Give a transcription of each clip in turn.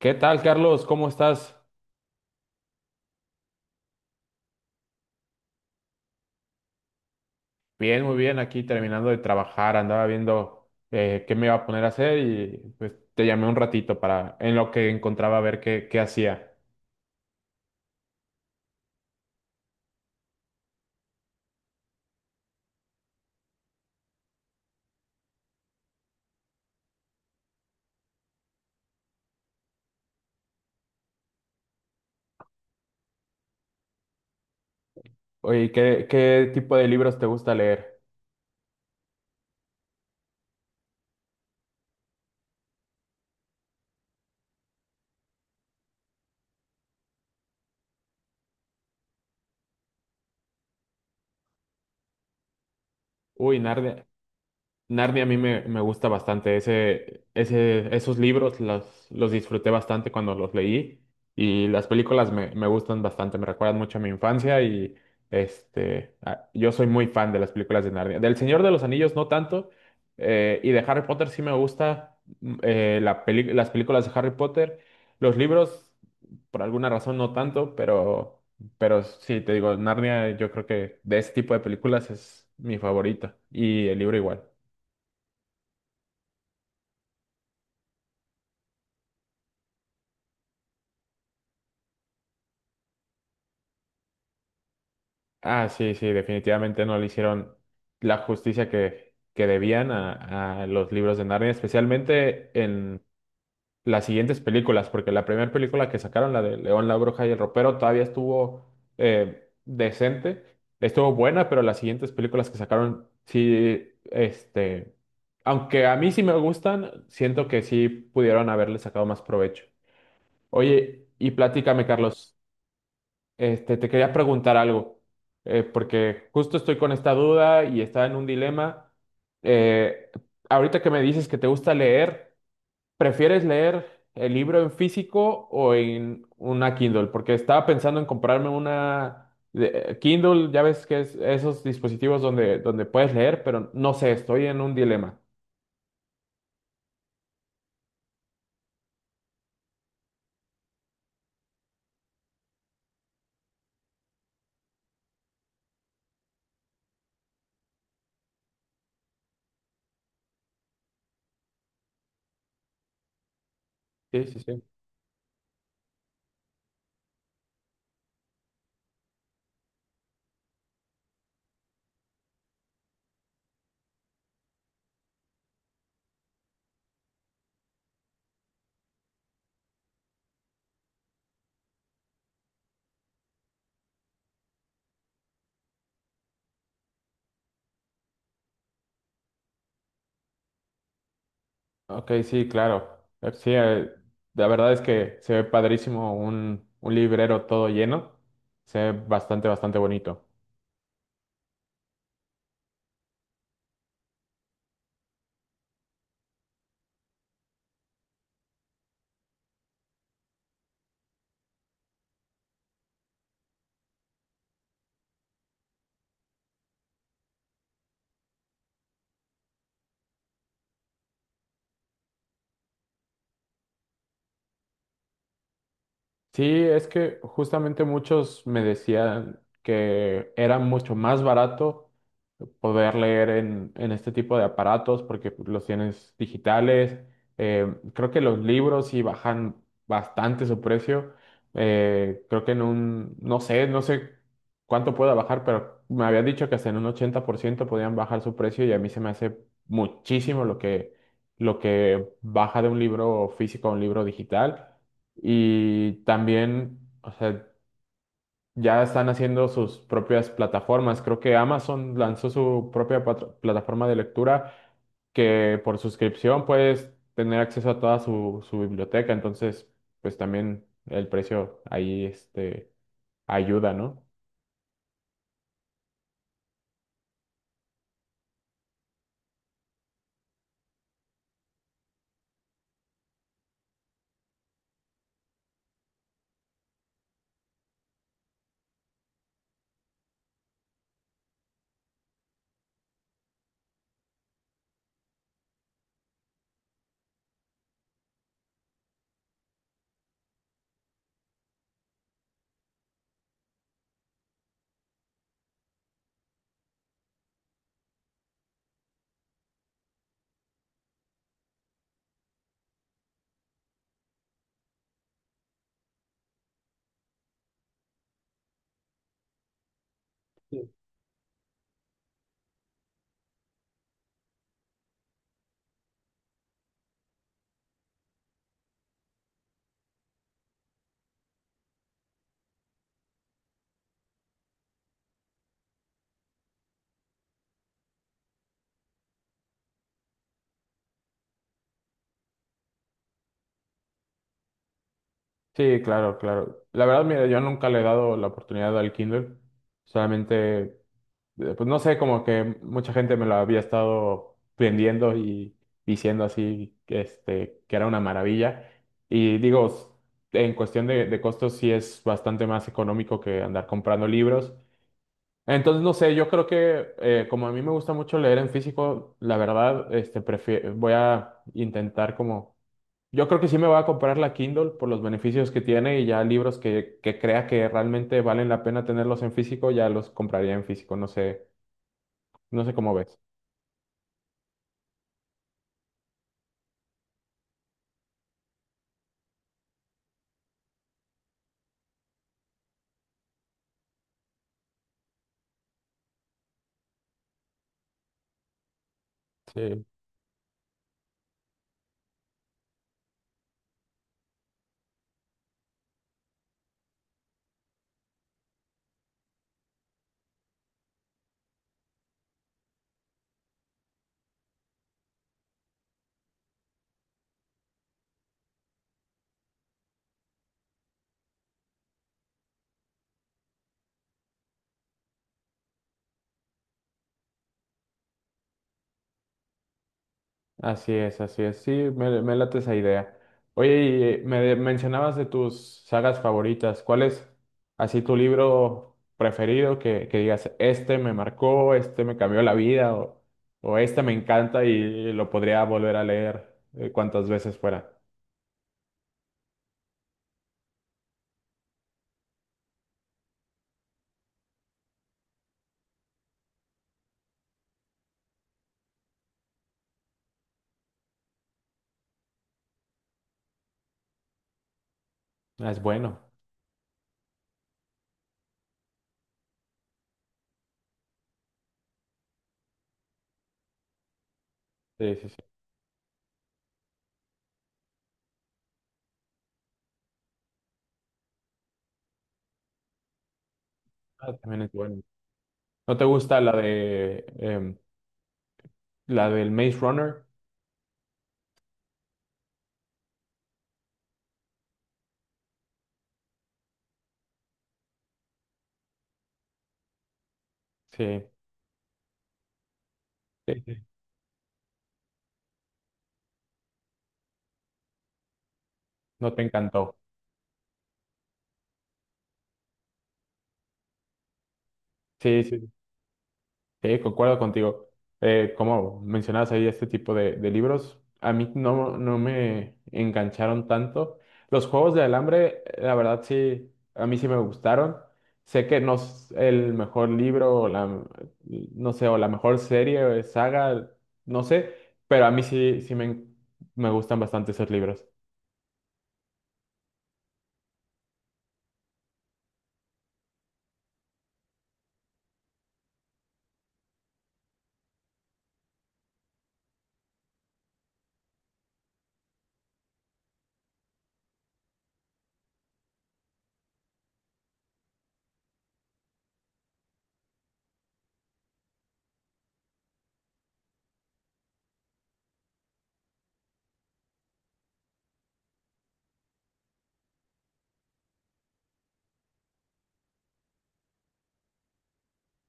¿Qué tal, Carlos? ¿Cómo estás? Bien, muy bien. Aquí terminando de trabajar, andaba viendo qué me iba a poner a hacer y pues te llamé un ratito para en lo que encontraba a ver qué hacía. Oye, ¿qué tipo de libros te gusta leer? Uy, narde- Narnia a mí me gusta bastante. Esos libros los disfruté bastante cuando los leí y las películas me gustan bastante, me recuerdan mucho a mi infancia y yo soy muy fan de las películas de Narnia. Del Señor de los Anillos no tanto, y de Harry Potter sí me gusta las películas de Harry Potter. Los libros por alguna razón no tanto, pero sí, te digo, Narnia yo creo que de ese tipo de películas es mi favorita y el libro igual. Ah, sí, sí, definitivamente no le hicieron la justicia que debían a los libros de Narnia, especialmente en las siguientes películas, porque la primera película que sacaron, la de León, la Bruja y el Ropero, todavía estuvo decente, estuvo buena, pero las siguientes películas que sacaron, sí, este, aunque a mí sí me gustan, siento que sí pudieron haberle sacado más provecho. Oye, y platícame, Carlos. Este, te quería preguntar algo, porque justo estoy con esta duda y estaba en un dilema. Eh, ahorita que me dices que te gusta leer, ¿prefieres leer el libro en físico o en una Kindle? Porque estaba pensando en comprarme una Kindle, ya ves que es esos dispositivos donde, donde puedes leer, pero no sé, estoy en un dilema. Sí, sí, sí. Ok, sí, claro. Eh, Sí, eh, la verdad es que se ve padrísimo un librero todo lleno. Se ve bastante, bastante bonito. Sí, es que justamente muchos me decían que era mucho más barato poder leer en este tipo de aparatos porque pues, los tienes digitales. Creo que los libros sí bajan bastante su precio. Creo que en un, no sé, no sé cuánto pueda bajar, pero me habían dicho que hasta en un 80% podían bajar su precio y a mí se me hace muchísimo lo lo que baja de un libro físico a un libro digital y también, o sea, ya están haciendo sus propias plataformas. Creo que Amazon lanzó su plataforma de lectura que por suscripción puedes tener acceso a toda su biblioteca. Entonces, pues también el precio ahí este, ayuda, ¿no? Sí. Sí, claro, claro. La verdad, mira, yo nunca le he dado la oportunidad al Kindle. Solamente pues no sé, como que mucha gente me lo había estado vendiendo y diciendo así que, este, que era una maravilla. Y digo, en cuestión de costos sí es bastante más económico que andar comprando libros. Entonces, no sé, yo creo que como a mí me gusta mucho leer en físico, la verdad, este, voy a intentar como... Yo creo que sí me voy a comprar la Kindle por los beneficios que tiene y ya libros que crea que realmente valen la pena tenerlos en físico, ya los compraría en físico. No sé, no sé cómo ves. Sí, así es, así es. Sí, me late esa idea. Oye, y mencionabas de tus sagas favoritas. ¿Cuál es así tu libro preferido que digas, este me marcó, este me cambió la vida o este me encanta y lo podría volver a leer cuantas veces fuera? Ah, es bueno. Sí, sí, sí. Ah, también es bueno. ¿No te gusta la de la del Maze Runner? Sí, sí, sí. No te encantó. Sí, sí. Sí, concuerdo contigo. Como mencionabas ahí, este tipo de libros, a mí no, no me engancharon tanto. Los juegos del hambre, la verdad sí, a mí sí me gustaron. Sé que no es el mejor libro, o la, no sé, o la mejor serie o saga, no sé, pero a mí sí, me gustan bastante esos libros.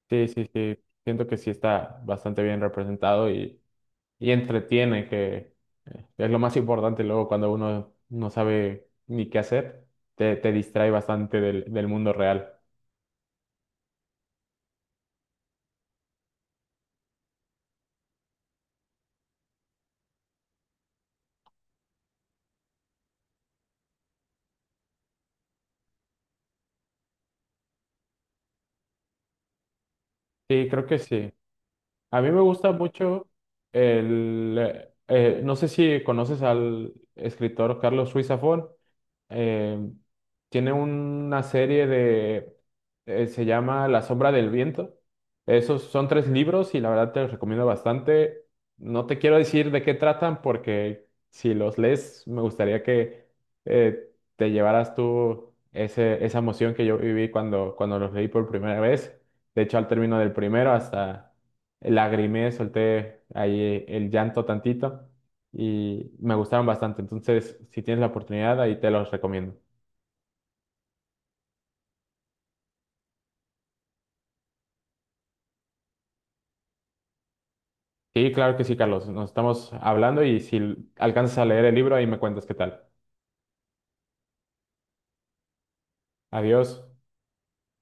Sí, sí, sí, siento que sí está bastante bien representado y entretiene, que es lo más importante luego cuando uno no sabe ni qué hacer, te distrae bastante del mundo real. Sí, creo que sí. A mí me gusta mucho el... no sé si conoces al escritor Carlos Ruiz Zafón. eh, tiene una serie de, se llama La sombra del viento. Esos son tres libros y la verdad te los recomiendo bastante. No te quiero decir de qué tratan porque si los lees me gustaría que te llevaras tú ese, esa emoción que yo viví cuando, cuando los leí por primera vez. De hecho, al término del primero hasta lagrimé, solté ahí el llanto tantito y me gustaron bastante. Entonces, si tienes la oportunidad, ahí te los recomiendo. Sí, claro que sí, Carlos. Nos estamos hablando y si alcanzas a leer el libro, ahí me cuentas qué tal. Adiós.